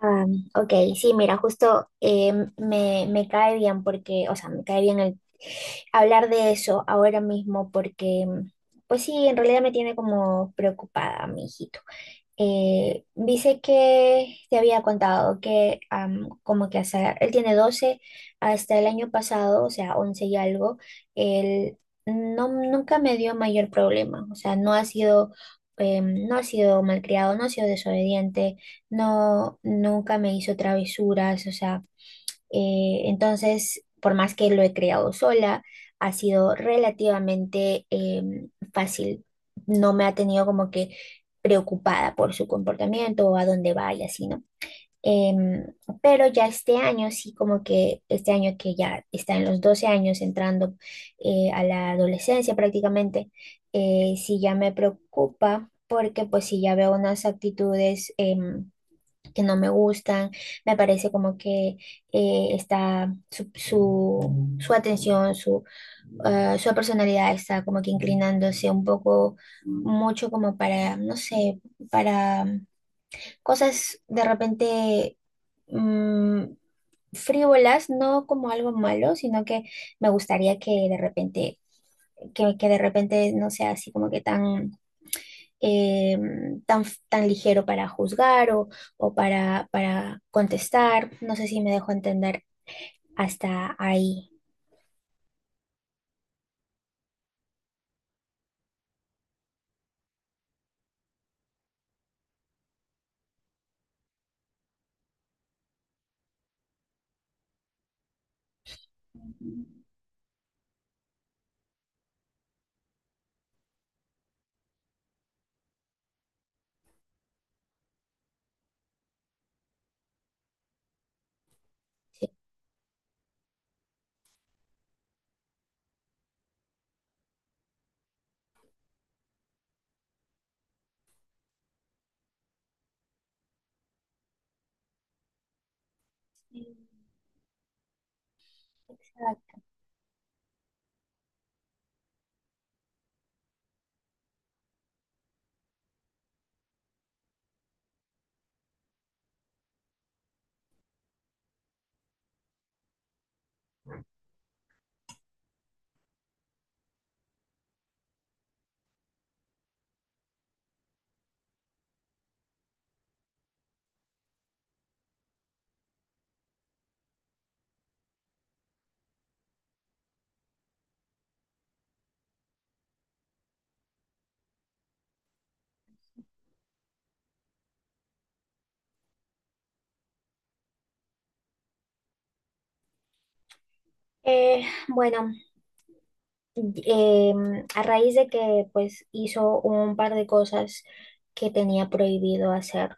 Ah, ok, sí, mira, justo me cae bien porque, o sea, me cae bien el hablar de eso ahora mismo porque, pues sí, en realidad me tiene como preocupada mi hijito. Dice que te había contado que como que hasta, él tiene 12 hasta el año pasado, o sea, 11 y algo, él no, nunca me dio mayor problema, o sea, no ha sido, no ha sido malcriado, no ha sido desobediente, no, nunca me hizo travesuras, o sea, entonces, por más que lo he creado sola, ha sido relativamente fácil. No me ha tenido como que preocupada por su comportamiento o a dónde va y así, ¿no? Em, pero ya este año, sí, como que este año que ya está en los 12 años, entrando a la adolescencia prácticamente, sí ya me preocupa porque pues sí ya veo unas actitudes, que no me gustan, me parece como que está su atención, su su personalidad está como que inclinándose un poco, mucho como para, no sé, para cosas de repente mm, frívolas, no como algo malo, sino que me gustaría que de repente, que de repente no sea así como que tan eh, tan ligero para juzgar o, para contestar. No sé si me dejo entender hasta ahí. Sí. Exacto. Bueno, a raíz de que pues hizo un par de cosas que tenía prohibido hacer,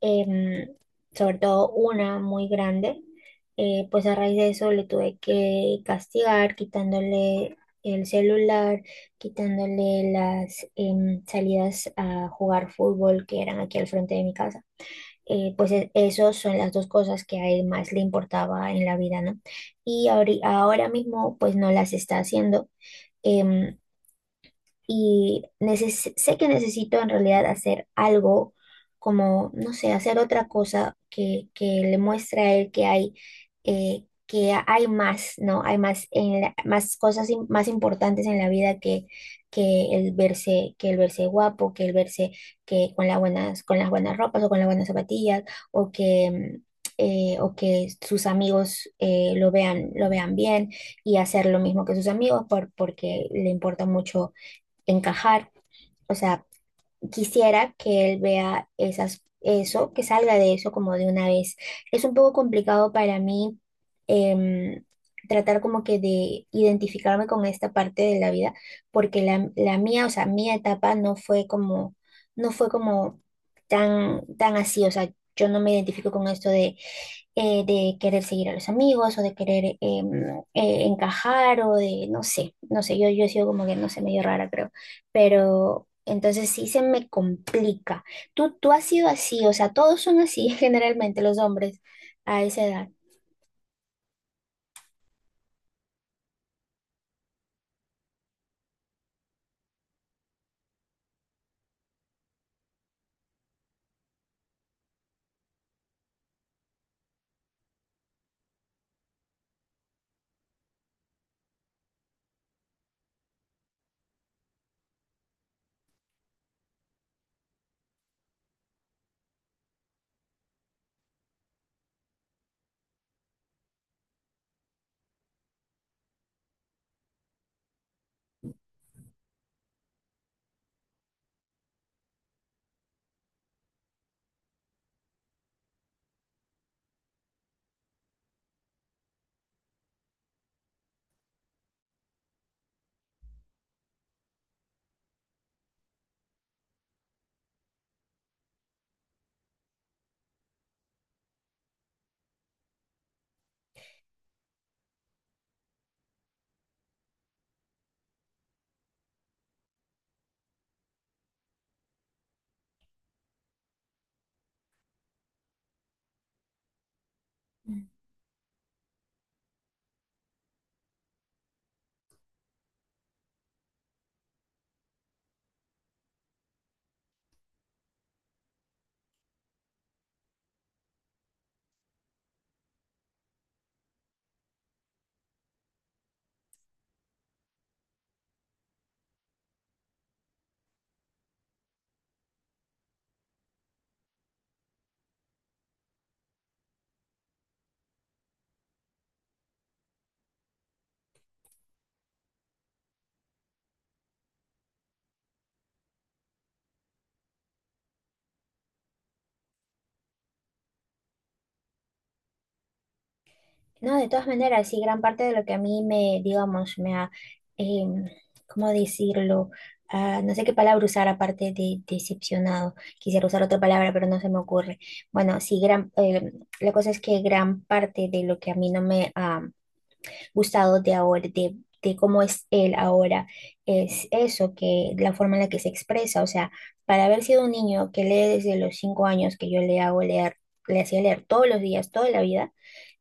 em, sobre todo una muy grande, pues a raíz de eso le tuve que castigar quitándole el celular, quitándole las salidas a jugar fútbol que eran aquí al frente de mi casa. Pues esos son las dos cosas que a él más le importaba en la vida, ¿no? Y ahora mismo pues no las está haciendo. Em, y sé que necesito en realidad hacer algo como, no sé, hacer otra cosa que le muestre a él que hay más, ¿no? Hay más, más cosas más importantes en la vida que el verse guapo, que el verse que con las buenas ropas o con las buenas zapatillas, o que mm, o que sus amigos lo vean bien y hacer lo mismo que sus amigos porque le importa mucho encajar. O sea, quisiera que él vea esas, eso, que salga de eso como de una vez. Es un poco complicado para mí, em, tratar como que de identificarme con esta parte de la vida, porque la mía, o sea, mi etapa no fue como, no fue como tan así. O sea, yo no me identifico con esto de querer seguir a los amigos o de querer encajar o de, no sé, no sé, yo he sido como que, no sé, medio rara, creo, pero entonces sí se me complica. Tú has sido así, o sea, todos son así generalmente los hombres a esa edad. No, de todas maneras, sí, gran parte de lo que a mí me, digamos, me ha, em, ¿cómo decirlo? Ah, no sé qué palabra usar aparte de decepcionado. Quisiera usar otra palabra, pero no se me ocurre. Bueno, sí, la cosa es que gran parte de lo que a mí no me ha gustado de ahora, de cómo es él ahora, es eso, que la forma en la que se expresa, o sea, para haber sido un niño que lee desde los 5 años que yo le hago leer, le hacía leer todos los días, toda la vida,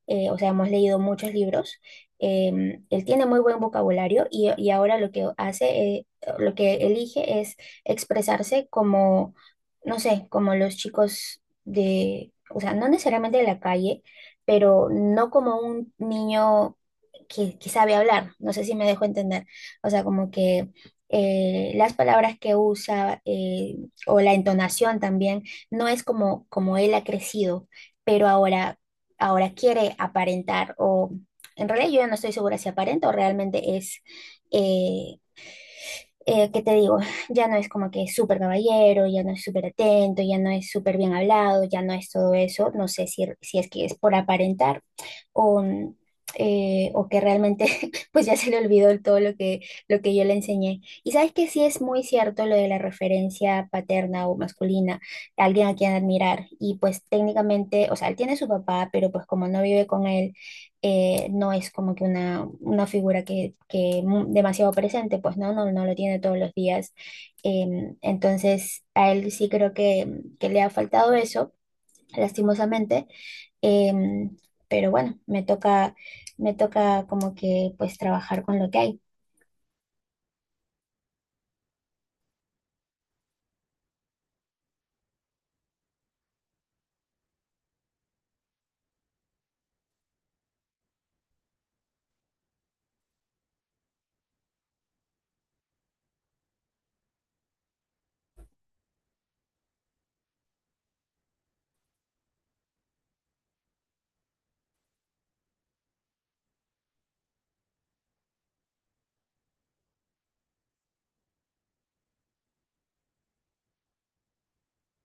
o sea, hemos leído muchos libros. Él tiene muy buen vocabulario y ahora lo que hace, lo que elige es expresarse como, no sé, como los chicos de, o sea, no necesariamente de la calle, pero no como un niño que sabe hablar. No sé si me dejo entender. O sea, como que las palabras que usa, o la entonación también no es como, como él ha crecido, pero ahora, ahora quiere aparentar o en realidad yo ya no estoy segura si aparenta o realmente es, eh, ¿qué te digo? Ya no es como que es súper caballero, ya no es súper atento, ya no es súper bien hablado, ya no es todo eso. No sé si, si es que es por aparentar o, o que realmente pues ya se le olvidó todo lo que yo le enseñé. Y sabes que sí es muy cierto lo de la referencia paterna o masculina, alguien a quien admirar. Y pues técnicamente, o sea, él tiene su papá, pero pues como no vive con él, no es como que una figura que demasiado presente, pues no, no, no lo tiene todos los días. Entonces, a él sí creo que le ha faltado eso lastimosamente. Em, pero bueno, me toca como que pues trabajar con lo que hay.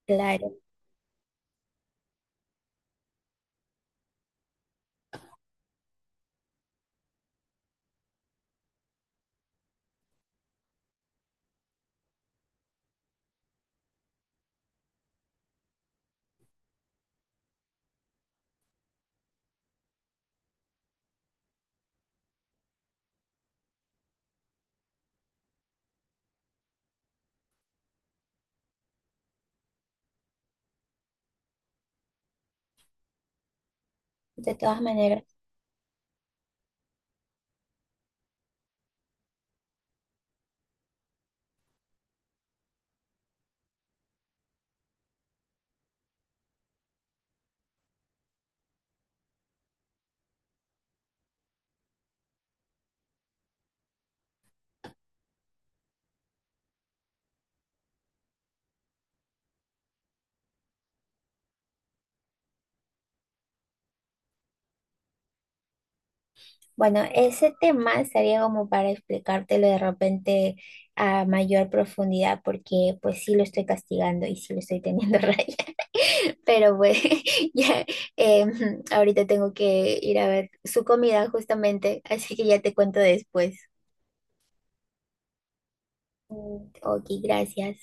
Claro, de todas maneras. Bueno, ese tema sería como para explicártelo de repente a mayor profundidad, porque pues sí lo estoy castigando y sí lo estoy teniendo raya. Pero pues ya, ahorita tengo que ir a ver su comida justamente, así que ya te cuento después. Mm, ok, gracias.